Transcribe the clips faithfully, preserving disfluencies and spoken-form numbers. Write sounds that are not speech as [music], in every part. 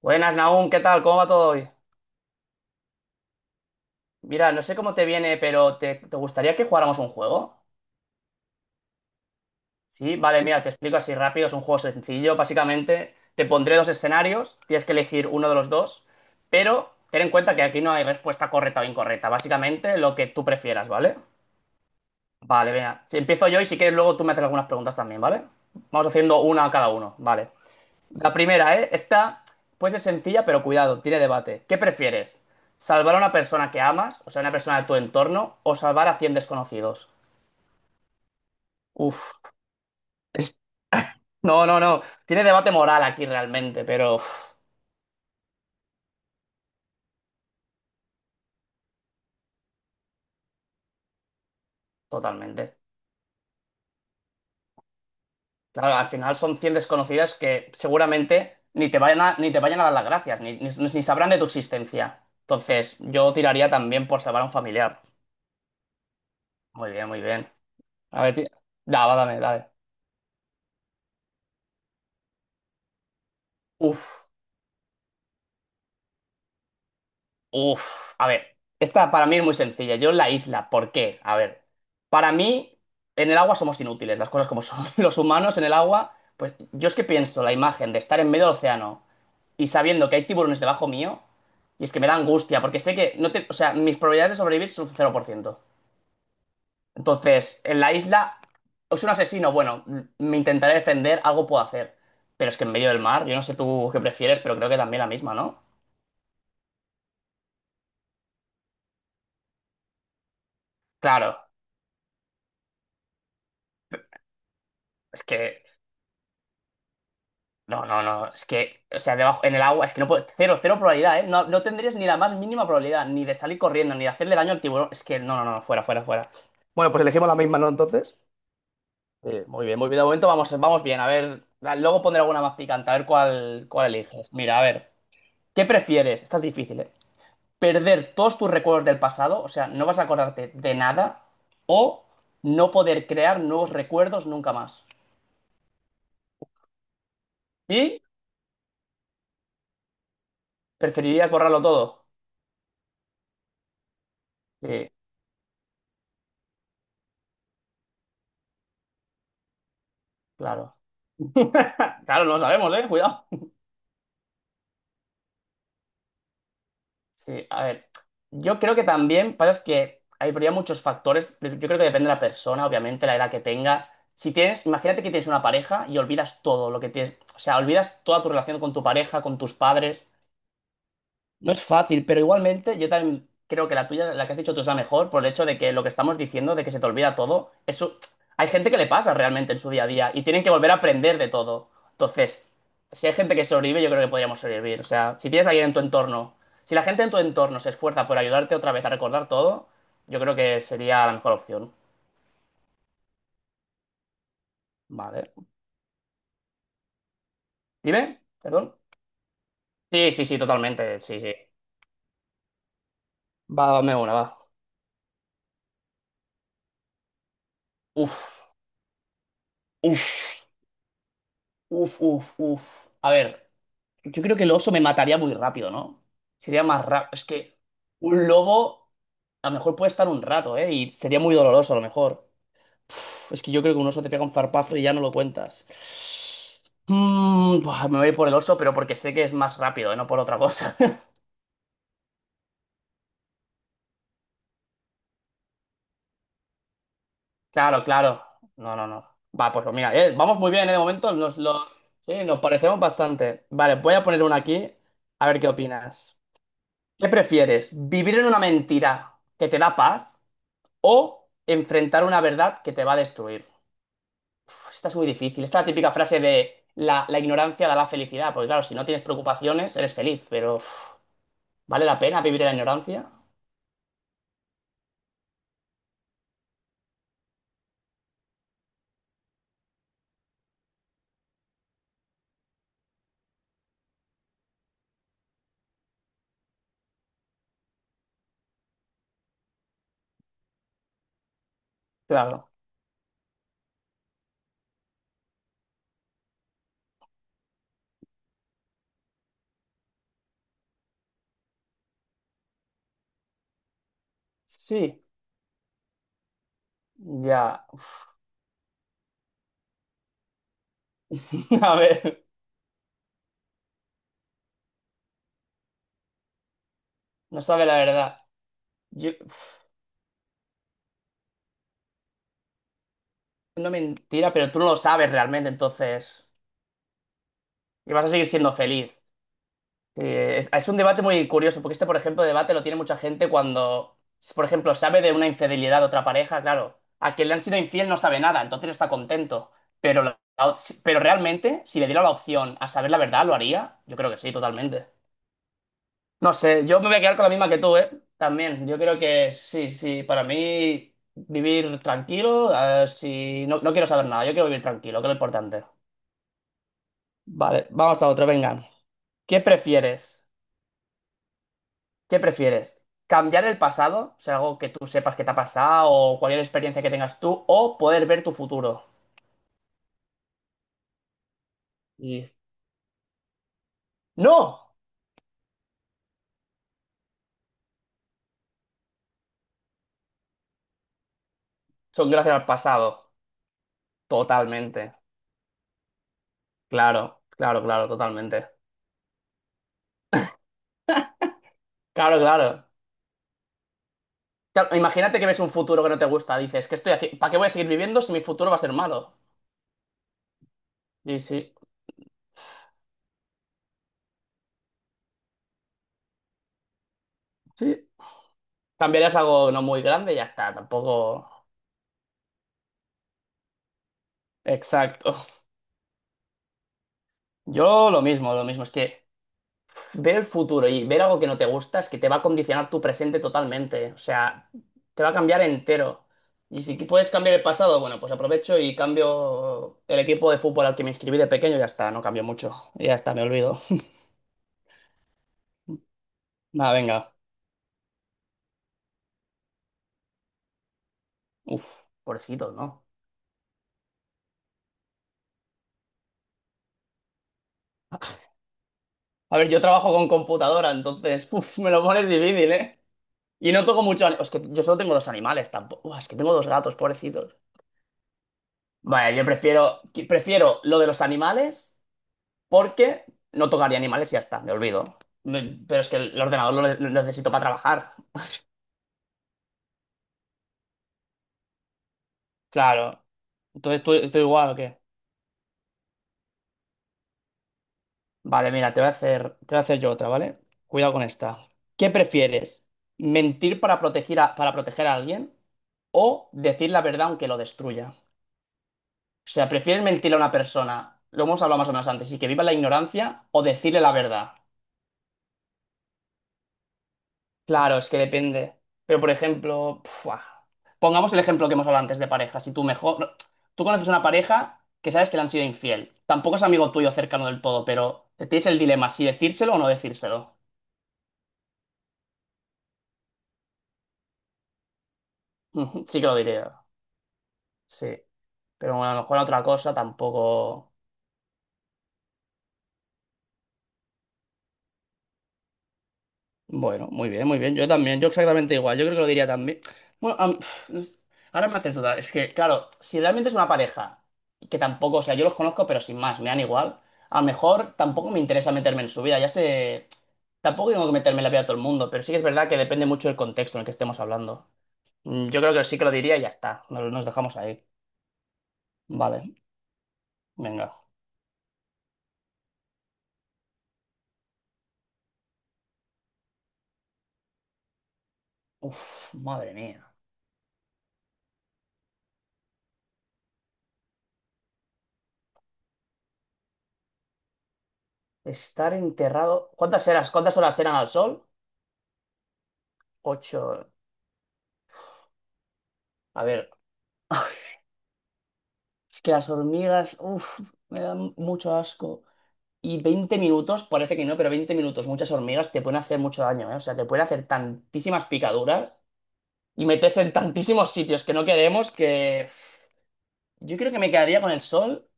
Buenas, Nahum, ¿qué tal? ¿Cómo va todo hoy? Mira, no sé cómo te viene, pero ¿te, te gustaría que jugáramos un juego? Sí, vale, mira, te explico así rápido, es un juego sencillo, básicamente te pondré dos escenarios, tienes que elegir uno de los dos, pero ten en cuenta que aquí no hay respuesta correcta o incorrecta, básicamente lo que tú prefieras, ¿vale? Vale, venga, si empiezo yo y si quieres luego tú me haces algunas preguntas también, ¿vale? Vamos haciendo una a cada uno, vale. La primera, ¿eh? Esta puede ser sencilla, pero cuidado, tiene debate. ¿Qué prefieres? ¿Salvar a una persona que amas, o sea, una persona de tu entorno, o salvar a cien desconocidos? Uf. es- No, no, no. Tiene debate moral aquí realmente, pero uf, totalmente. Claro, al final son cien desconocidas que seguramente ni te vayan a, ni te vayan a dar las gracias, ni, ni- ni sabrán de tu existencia. Entonces, yo tiraría también por salvar a un familiar. Muy bien, muy bien. A ver, ti- da, va, dame, dale. Uf. Uf, a ver, esta para mí es muy sencilla. Yo la isla, ¿por qué? A ver, para mí en el agua somos inútiles, las cosas como son. [laughs] Los humanos en el agua, pues yo es que pienso la imagen de estar en medio del océano y sabiendo que hay tiburones debajo mío, y es que me da angustia, porque sé que no te, o sea, mis probabilidades de sobrevivir son cero por ciento. Entonces, en la isla, es un asesino, bueno, m- me intentaré defender, algo puedo hacer. Pero es que en medio del mar, yo no sé tú qué prefieres, pero creo que también la misma, ¿no? Claro. es que No, no, no. Es que, o sea, debajo, en el agua, es que no puedo. Cero, cero probabilidad, ¿eh? No, no tendrías ni la más mínima probabilidad, ni de salir corriendo, ni de hacerle daño al tiburón. Es que, no, no, no, no, fuera, fuera, fuera. Bueno, pues elegimos la misma, ¿no? Entonces. Eh, muy bien, muy bien. De momento vamos, vamos bien. A ver, la- luego pondré alguna más picante, a ver cuál, cuál eliges. Mira, a ver, ¿qué prefieres? Esta es difícil, ¿eh? ¿Perder todos tus recuerdos del pasado? O sea, no vas a acordarte de nada. ¿O no poder crear nuevos recuerdos nunca más? ¿Y preferirías borrarlo todo? Sí, claro. [laughs] Claro, no lo sabemos, ¿eh? Cuidado. Sí, a ver. Yo creo que también pasa es que habría muchos factores. Yo creo que depende de la persona, obviamente, la edad que tengas. Si tienes, imagínate que tienes una pareja y olvidas todo lo que tienes. O sea, olvidas toda tu relación con tu pareja, con tus padres. No es fácil, pero igualmente yo también creo que la tuya, la que has dicho tú, es la mejor por el hecho de que lo que estamos diciendo, de que se te olvida todo, eso hay gente que le pasa realmente en su día a día y tienen que volver a aprender de todo. Entonces, si hay gente que sobrevive, yo creo que podríamos sobrevivir. O sea, si tienes a alguien en tu entorno, si la gente en tu entorno se esfuerza por ayudarte otra vez a recordar todo, yo creo que sería la mejor opción. Vale. ¿Dime? ¿Perdón? Sí, sí, sí, totalmente. Sí, sí. Va, dame una, va. Uf, uf, uf, uf, uf. A ver. Yo creo que el oso me mataría muy rápido, ¿no? Sería más rápido. Es que un lobo a lo mejor puede estar un rato, ¿eh? Y sería muy doloroso a lo mejor. Uf, es que yo creo que un oso te pega un zarpazo y ya no lo cuentas. Mm, buah, me voy por el oso, pero porque sé que es más rápido, ¿eh? No por otra cosa. [laughs] Claro, claro. No, no, no. Va, pues mira, eh, vamos muy bien, ¿eh? De momento nos lo... Sí, nos parecemos bastante. Vale, voy a poner una aquí. A ver qué opinas. ¿Qué prefieres? ¿Vivir en una mentira que te da paz? ¿O enfrentar una verdad que te va a destruir? Uf, esta es muy difícil. Esta es la típica frase de la, la ignorancia da la felicidad, porque claro, si no tienes preocupaciones, eres feliz, pero uf, ¿vale la pena vivir en la ignorancia? Claro. Sí, ya. [laughs] A ver, no sabe la verdad. Yo, uf, no mentira, pero tú no lo sabes realmente, entonces... Y vas a seguir siendo feliz. Eh, es, es un debate muy curioso, porque este, por ejemplo, debate lo tiene mucha gente cuando, por ejemplo, sabe de una infidelidad de otra pareja, claro, a quien le han sido infiel no sabe nada, entonces está contento. Pero, la- la op- si- pero realmente, si le diera la opción a saber la verdad, ¿lo haría? Yo creo que sí, totalmente. No sé, yo me voy a quedar con la misma que tú, ¿eh? También, yo creo que sí, sí, para mí vivir tranquilo, eh, si no, no quiero saber nada, yo quiero vivir tranquilo, que es lo importante. Vale, vamos a otro, venga. ¿Qué prefieres? ¿Qué prefieres? ¿Cambiar el pasado? O sea, algo que tú sepas que te ha pasado o cualquier experiencia que tengas tú, o poder ver tu futuro. Y no, son gracias al pasado. Totalmente. Claro, claro, claro, totalmente. Claro, claro. Claro, imagínate que ves un futuro que no te gusta. Dices, ¿qué estoy haciendo? ¿Para qué voy a seguir viviendo si mi futuro va a ser malo? Y sí, sí. Cambiarías algo no muy grande y ya está. Tampoco. Exacto. Yo lo mismo, lo mismo. Es que ver el futuro y ver algo que no te gusta es que te va a condicionar tu presente totalmente. O sea, te va a cambiar entero. Y si puedes cambiar el pasado, bueno, pues aprovecho y cambio el equipo de fútbol al que me inscribí de pequeño. Ya está, no cambio mucho. Ya está, me olvido. [laughs] Nada, venga. Uf, pobrecito, ¿no? A ver, yo trabajo con computadora, entonces, [laughs] uf, me lo pones difícil, ¿eh? Y no toco mucho. ani- Es que yo solo tengo dos animales tampoco. Uf, es que tengo dos gatos, pobrecitos. Vaya, yo prefiero, prefiero lo de los animales, porque no tocaría animales y ya está, me olvido. Me- pero es que el ordenador lo, ne- lo necesito para trabajar. Claro. Entonces, ¿tú, estoy igual o qué? Vale, mira, te voy a hacer, te voy a hacer yo otra, ¿vale? Cuidado con esta. ¿Qué prefieres? ¿Mentir para proteger a, para proteger a alguien o decir la verdad aunque lo destruya? O sea, ¿prefieres mentir a una persona, lo hemos hablado más o menos antes, y que viva la ignorancia o decirle la verdad? Claro, es que depende. Pero, por ejemplo, pfua, pongamos el ejemplo que hemos hablado antes de parejas. Si tú mejor, no, tú conoces una pareja que sabes que le han sido infiel. Tampoco es amigo tuyo cercano del todo, pero tienes el dilema si decírselo o no decírselo. [laughs] Ujú, sí que lo diría. Sí. Pero bueno, a lo mejor otra cosa tampoco. Bueno, muy bien, muy bien. Yo también, yo exactamente igual. Yo creo que lo diría también. Bueno, am- pf, no sé. Ahora me haces dudar. Es que, claro, si realmente es una pareja, que tampoco, o sea, yo los conozco, pero sin más, me dan igual. A lo mejor tampoco me interesa meterme en su vida. Ya sé, tampoco tengo que meterme en la vida de todo el mundo, pero sí que es verdad que depende mucho del contexto en el que estemos hablando. Mm, Yo creo que sí que lo diría y ya está. Nos, nos dejamos ahí. Vale, venga. Uf, madre mía. Estar enterrado. ¿Cuántas eras? ¿Cuántas horas eran al sol? Ocho. A ver. [laughs] Es que las hormigas, uff, me dan mucho asco. Y veinte minutos, parece que no, pero veinte minutos, muchas hormigas te pueden hacer mucho daño, ¿eh? O sea, te pueden hacer tantísimas picaduras y meterse en tantísimos sitios que no queremos que... Yo creo que me quedaría con el sol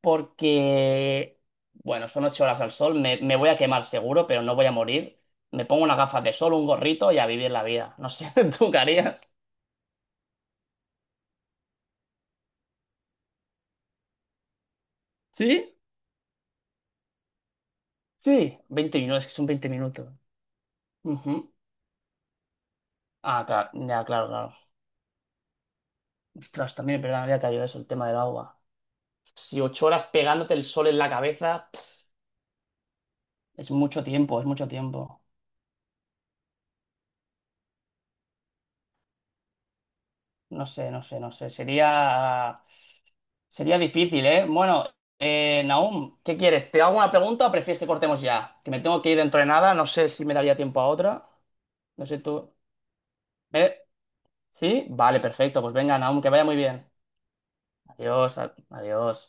porque, bueno, son ocho horas al sol, me, me voy a quemar seguro, pero no voy a morir. Me pongo unas gafas de sol, un gorrito y a vivir la vida. No sé, [laughs] ¿tú qué harías? ¿Sí? Sí, veinte minutos, es que son veinte minutos. Ujú. Ah, claro, ya, claro, claro. Ostras, también es verdad, me había caído eso, el tema del agua. Si ocho horas pegándote el sol en la cabeza, pf, es mucho tiempo, es mucho tiempo. No sé, no sé, no sé. Sería, sería difícil, ¿eh? Bueno, eh, Nahum, ¿qué quieres? ¿Te hago una pregunta o prefieres que cortemos ya? Que me tengo que ir dentro de nada, no sé si me daría tiempo a otra. No sé tú. ¿Eh? ¿Sí? Vale, perfecto. Pues venga, Nahum, que vaya muy bien. Adiós, a- adiós.